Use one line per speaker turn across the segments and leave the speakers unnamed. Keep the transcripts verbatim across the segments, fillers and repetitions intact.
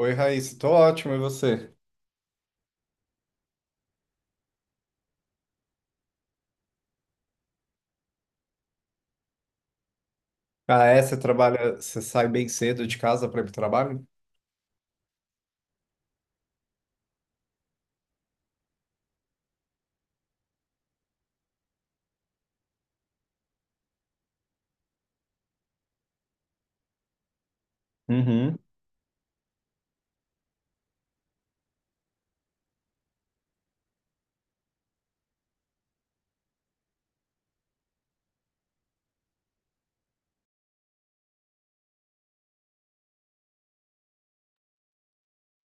Oi, Raíssa, tô ótimo, e você? Ah, é, você trabalha, você sai bem cedo de casa para ir para o trabalho? Uhum.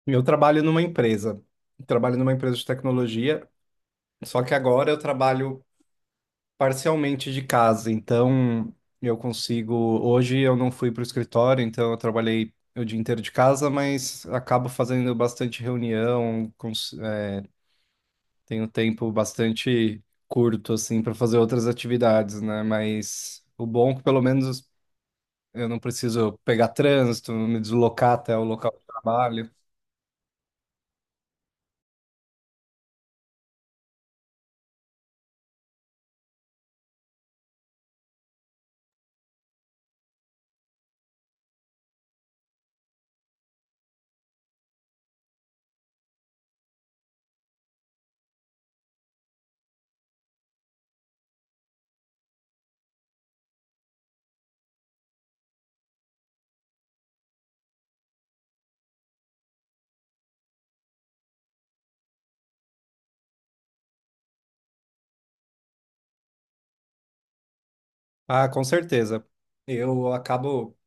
Eu trabalho numa empresa, trabalho numa empresa de tecnologia, só que agora eu trabalho parcialmente de casa, então eu consigo, hoje eu não fui para o escritório, então eu trabalhei o dia inteiro de casa, mas acabo fazendo bastante reunião, cons- é, tenho tempo bastante curto, assim, para fazer outras atividades, né? Mas o bom é que pelo menos eu não preciso pegar trânsito, me deslocar até o local de trabalho. Ah, com certeza. Eu acabo,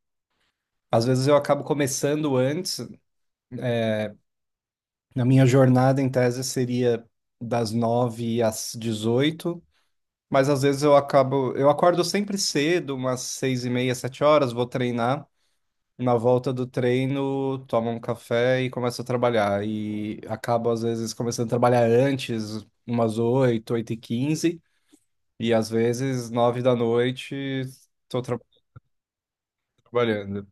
às vezes eu acabo começando antes. Na minha jornada, em tese, seria das nove às dezoito, mas às vezes eu acabo, eu acordo sempre cedo, umas seis e meia, sete horas, vou treinar. Na volta do treino, tomo um café e começo a trabalhar. E acabo, às vezes, começando a trabalhar antes, umas oito, oito e quinze. E às vezes, nove da noite, estou trabalhando.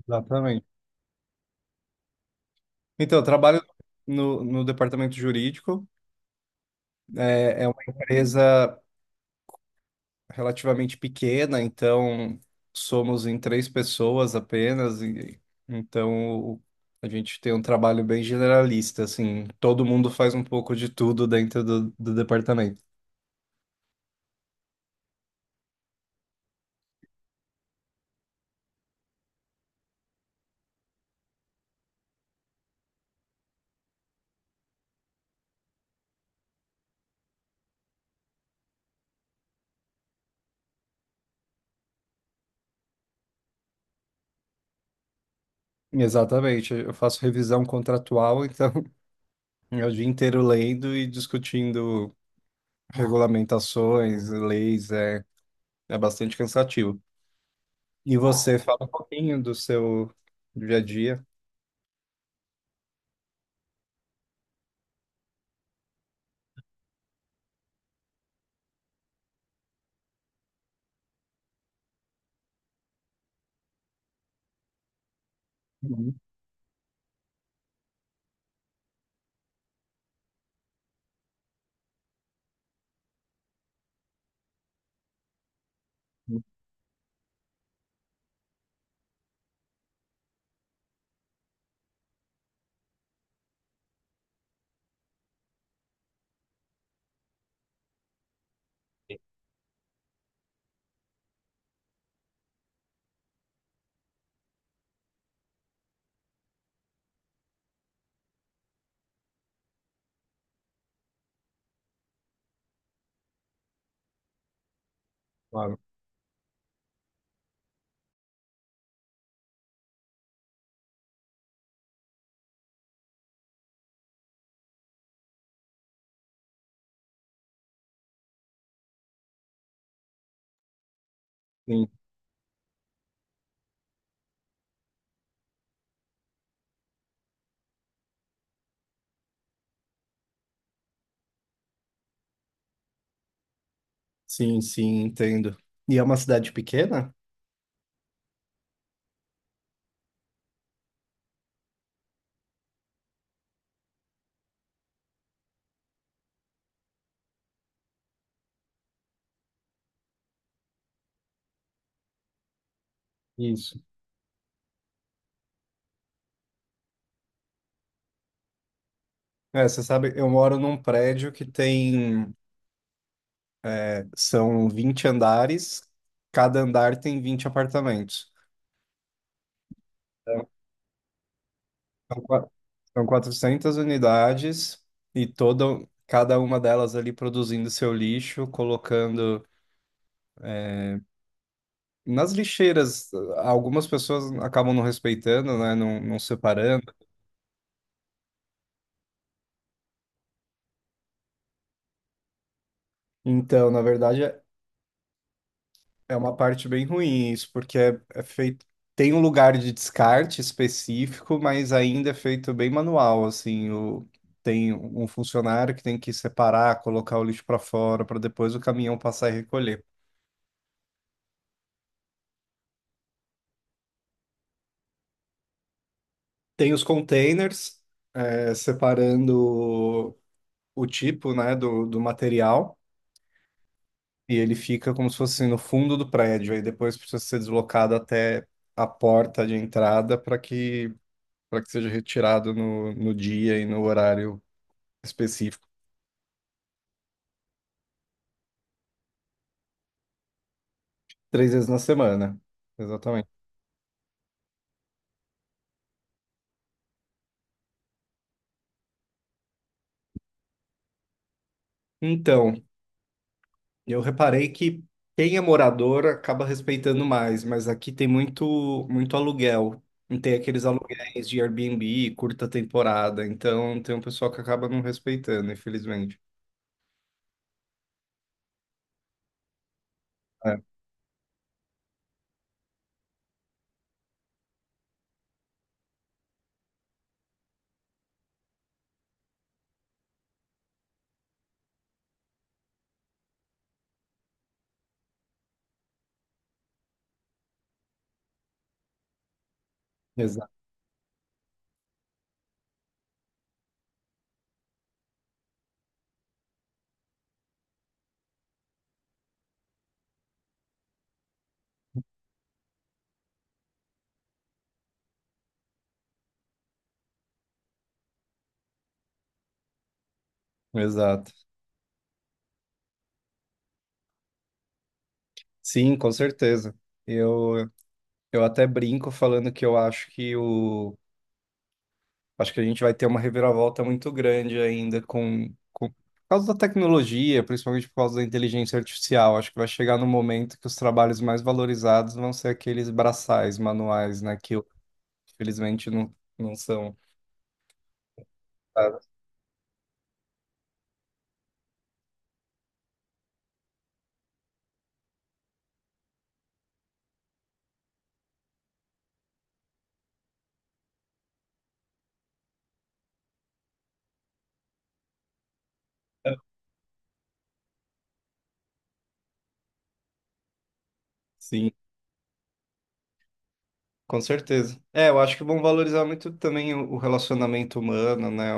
Exatamente. Então, eu trabalho no, no departamento jurídico. É, é uma empresa relativamente pequena, então somos em três pessoas apenas. e- então, o- a gente tem um trabalho bem generalista, assim, todo mundo faz um pouco de tudo dentro do, do departamento. Exatamente, eu faço revisão contratual, então é o dia inteiro lendo e discutindo regulamentações, leis, é, é bastante cansativo. E você fala um pouquinho do seu dia a dia? Uhum, uhum, claro. Sim, sim, sim, entendo. E é uma cidade pequena? Isso. É, você sabe, eu moro num prédio que tem, é, são vinte andares, cada andar tem vinte apartamentos. Então, são qua- são quatrocentas unidades e toda, cada uma delas ali produzindo seu lixo, colocando nas lixeiras, algumas pessoas acabam não respeitando, né? Não, não separando. Então, na verdade, é é uma parte bem ruim isso, porque é, é feito. Tem um lugar de descarte específico, mas ainda é feito bem manual, assim. O, tem um funcionário que tem que separar, colocar o lixo para fora, para depois o caminhão passar e recolher. Tem os containers, eh, separando o tipo, né, do, do material. E ele fica como se fosse assim, no fundo do prédio, aí depois precisa ser deslocado até a porta de entrada para que, para que seja retirado no, no dia e no horário específico, três vezes na semana. Exatamente. Então, eu reparei que quem é morador acaba respeitando mais, mas aqui tem muito, muito aluguel. E tem aqueles aluguéis de Airbnb, curta temporada, então tem um pessoal que acaba não respeitando, infelizmente. É, exa- exato. Sim, com certeza. Eu, eu até brinco falando que eu acho que o, acho que a gente vai ter uma reviravolta muito grande ainda com, com, por causa da tecnologia, principalmente por causa da inteligência artificial. Acho que vai chegar no momento que os trabalhos mais valorizados vão ser aqueles braçais manuais, né? Que infelizmente não, não são. Ah, sim, com certeza. É, eu acho que vão valorizar muito também o, o relacionamento humano, né?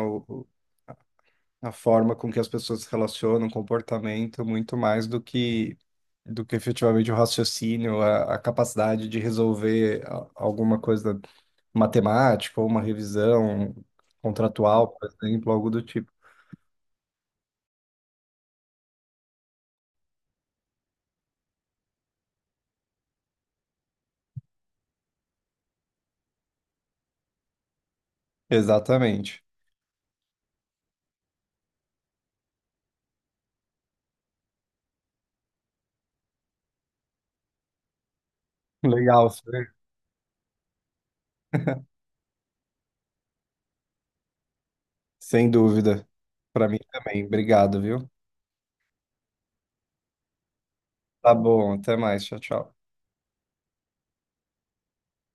A forma com que as pessoas se relacionam, o comportamento, muito mais do que do que efetivamente o raciocínio, a, a capacidade de resolver a- alguma coisa matemática ou uma revisão contratual, por exemplo, algo do tipo. Exatamente. Legal, Fer. Sem dúvida. Para mim também. Obrigado, viu? Tá bom, até mais. Tchau, tchau.